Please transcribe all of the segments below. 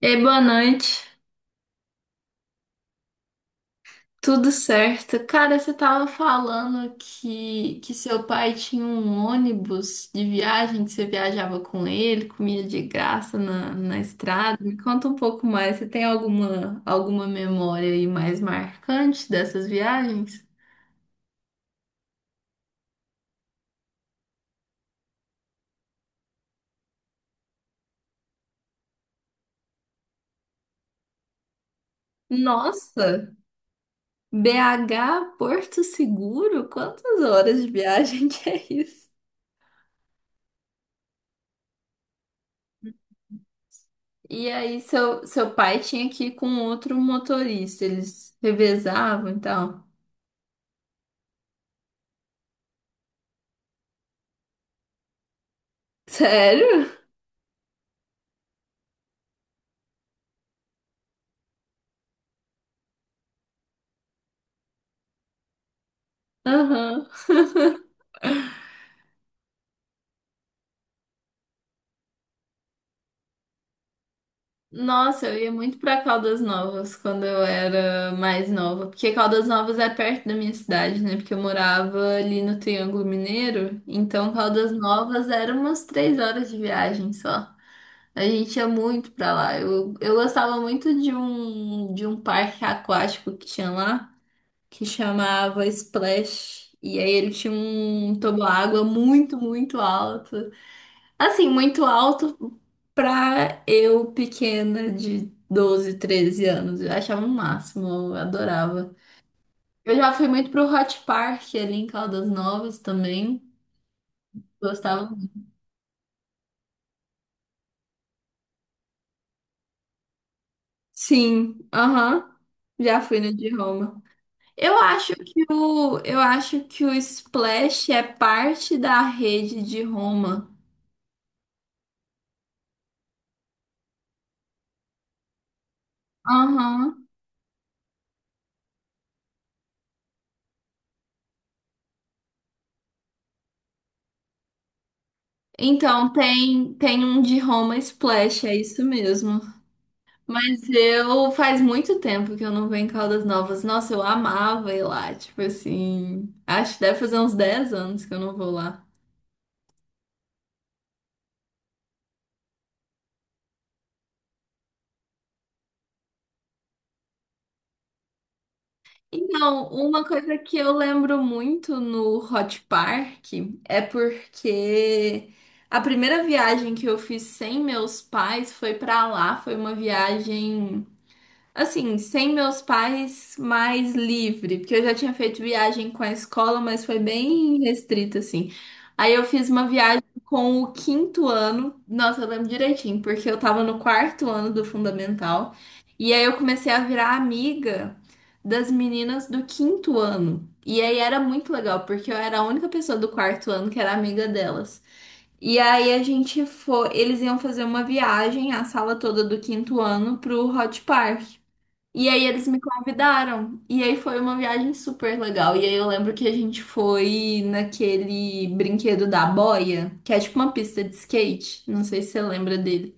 Ei, boa noite. Tudo certo? Cara, você tava falando que seu pai tinha um ônibus de viagem, que você viajava com ele, comia de graça na estrada. Me conta um pouco mais. Você tem alguma memória aí mais marcante dessas viagens? Nossa, BH Porto Seguro? Quantas horas de viagem que é isso? E aí, seu pai tinha que ir com outro motorista, eles revezavam e tal. Sério? Aham. Nossa, eu ia muito pra Caldas Novas quando eu era mais nova, porque Caldas Novas é perto da minha cidade, né? Porque eu morava ali no Triângulo Mineiro, então Caldas Novas era umas 3 horas de viagem só. A gente ia muito pra lá. Eu gostava muito de um parque aquático que tinha lá, que chamava Splash. E aí ele tinha um toboágua muito, muito alto. Assim, muito alto pra eu pequena de 12 13 anos. Eu achava o máximo, eu adorava. Eu já fui muito pro Hot Park ali em Caldas Novas também. Gostava muito. Sim, aham. Já fui no de Roma. Eu acho que o, eu acho que o Splash é parte da rede de Roma. Aham. Então tem um de Roma Splash, é isso mesmo. Mas eu faz muito tempo que eu não venho em Caldas Novas. Nossa, eu amava ir lá, tipo assim. Acho que deve fazer uns 10 anos que eu não vou lá. Então, uma coisa que eu lembro muito no Hot Park é porque a primeira viagem que eu fiz sem meus pais foi pra lá, foi uma viagem. Assim, sem meus pais, mais livre, porque eu já tinha feito viagem com a escola, mas foi bem restrito, assim. Aí eu fiz uma viagem com o quinto ano, nossa, eu lembro direitinho, porque eu tava no quarto ano do fundamental, e aí eu comecei a virar amiga das meninas do quinto ano. E aí era muito legal, porque eu era a única pessoa do quarto ano que era amiga delas. E aí a gente foi, eles iam fazer uma viagem, a sala toda do quinto ano, pro Hot Park. E aí eles me convidaram. E aí foi uma viagem super legal. E aí eu lembro que a gente foi naquele brinquedo da boia, que é tipo uma pista de skate. Não sei se você lembra dele.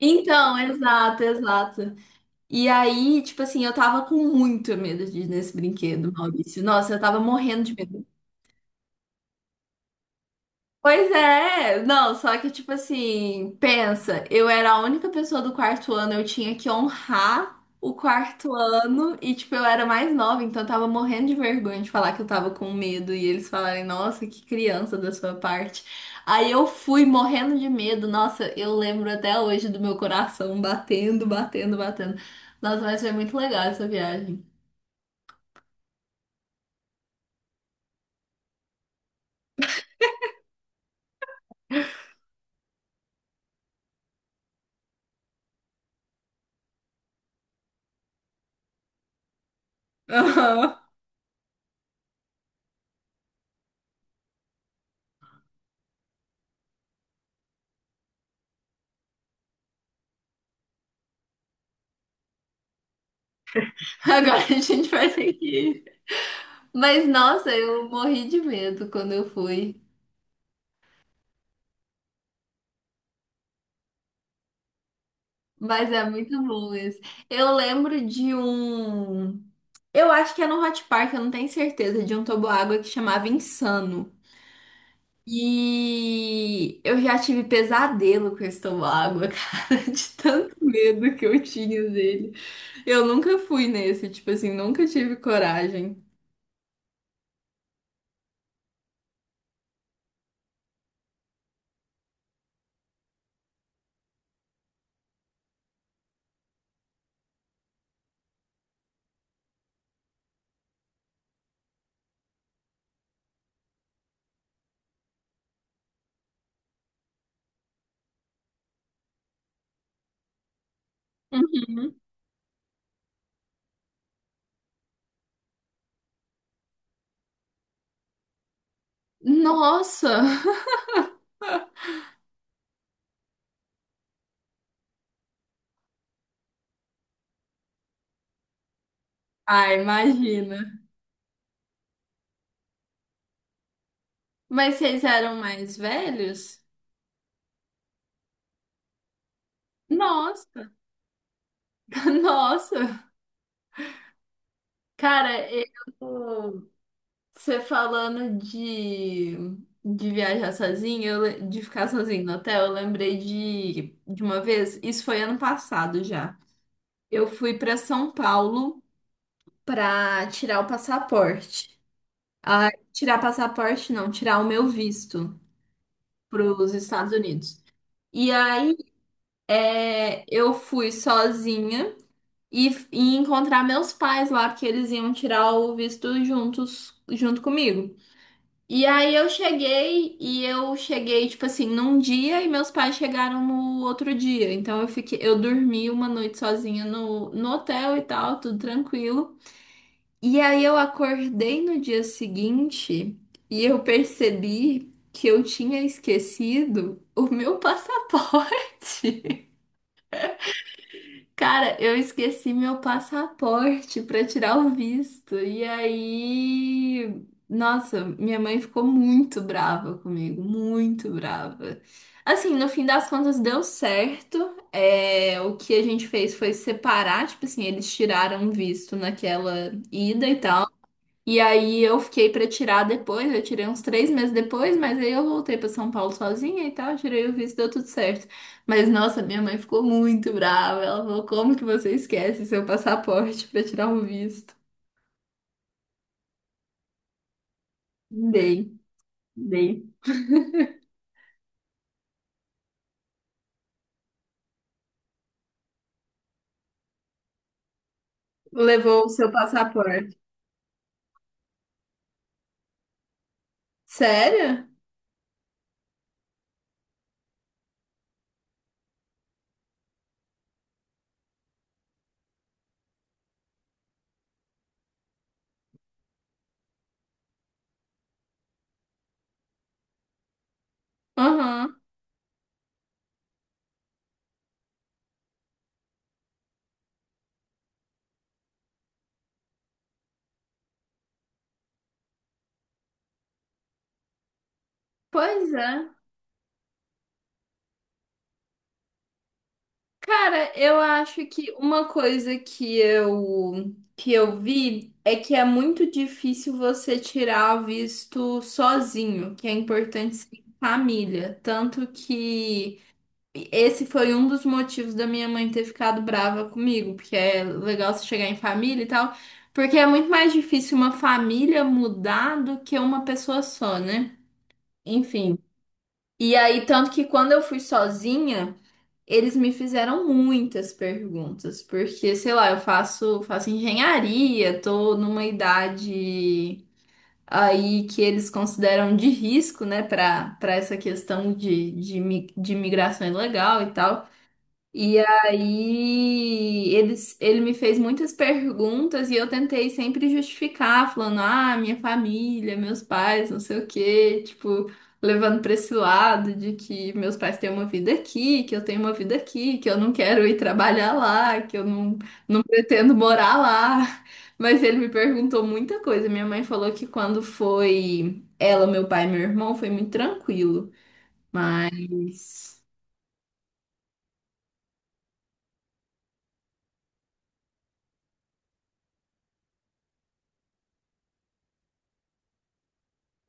Então, exato, exato. E aí, tipo assim, eu tava com muito medo de ir nesse brinquedo, Maurício. Nossa, eu tava morrendo de medo. Pois é, não, só que tipo assim, pensa, eu era a única pessoa do quarto ano, eu tinha que honrar o quarto ano e tipo eu era mais nova, então eu tava morrendo de vergonha de falar que eu tava com medo e eles falarem, nossa, que criança da sua parte. Aí eu fui morrendo de medo, nossa, eu lembro até hoje do meu coração batendo, batendo, batendo. Nossa, mas foi muito legal essa viagem. Aham. Agora a gente vai ter que ir. Mas nossa, eu morri de medo quando eu fui. Mas é muito bom esse. Eu lembro de um. Eu acho que é no Hot Park, eu não tenho certeza, de um toboágua que chamava Insano. E eu já tive pesadelo com esse toboágua, cara, de tanto medo que eu tinha dele. Eu nunca fui nesse, tipo assim, nunca tive coragem. Uhum. Nossa! Ah, imagina. Mas vocês eram mais velhos? Nossa, nossa. Cara, você falando de viajar sozinho, de ficar sozinho no hotel, eu lembrei de uma vez, isso foi ano passado já. Eu fui para São Paulo para tirar o passaporte. Ah, tirar passaporte não, tirar o meu visto para os Estados Unidos. E aí é, eu fui sozinha e, e encontrar meus pais lá, porque eles iam tirar o visto juntos, junto comigo. E aí eu cheguei e eu cheguei tipo assim num dia e meus pais chegaram no outro dia. Então eu fiquei, eu dormi uma noite sozinha no hotel e tal, tudo tranquilo. E aí eu acordei no dia seguinte e eu percebi que eu tinha esquecido o meu passaporte. Cara, eu esqueci meu passaporte para tirar o visto. E aí, nossa, minha mãe ficou muito brava comigo, muito brava. Assim, no fim das contas deu certo. É, o que a gente fez foi separar, tipo assim, eles tiraram o visto naquela ida e tal. E aí eu fiquei pra tirar depois, eu tirei uns 3 meses depois, mas aí eu voltei pra São Paulo sozinha e tal, tirei o visto, deu tudo certo. Mas nossa, minha mãe ficou muito brava. Ela falou: "Como que você esquece seu passaporte pra tirar o visto?" Dei, dei. Levou o seu passaporte. Sério? Aham. Pois é. Cara, eu acho que uma coisa que eu vi é que é muito difícil você tirar o visto sozinho, que é importante ser em família. Tanto que esse foi um dos motivos da minha mãe ter ficado brava comigo, porque é legal você chegar em família e tal, porque é muito mais difícil uma família mudar do que uma pessoa só, né? Enfim. E aí, tanto que quando eu fui sozinha eles me fizeram muitas perguntas, porque, sei lá, eu faço, faço engenharia, tô numa idade aí que eles consideram de risco, né, para essa questão de migração ilegal e tal. E aí eles, ele me fez muitas perguntas e eu tentei sempre justificar, falando, ah, minha família, meus pais, não sei o quê, tipo, levando para esse lado de que meus pais têm uma vida aqui, que eu tenho uma vida aqui, que eu não quero ir trabalhar lá, que eu não, não pretendo morar lá. Mas ele me perguntou muita coisa. Minha mãe falou que quando foi ela, meu pai e meu irmão, foi muito tranquilo. Mas.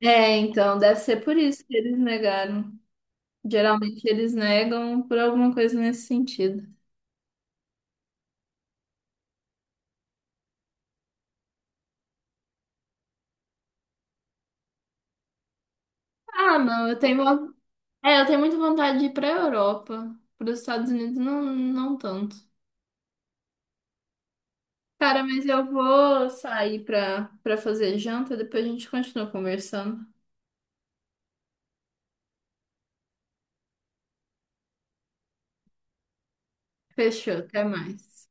É, então, deve ser por isso que eles negaram. Geralmente eles negam por alguma coisa nesse sentido. Ah, não, é, eu tenho muita vontade de ir pra Europa. Para os Estados Unidos, não, não tanto. Cara, mas eu vou sair pra fazer janta, depois a gente continua conversando. Fechou, até mais.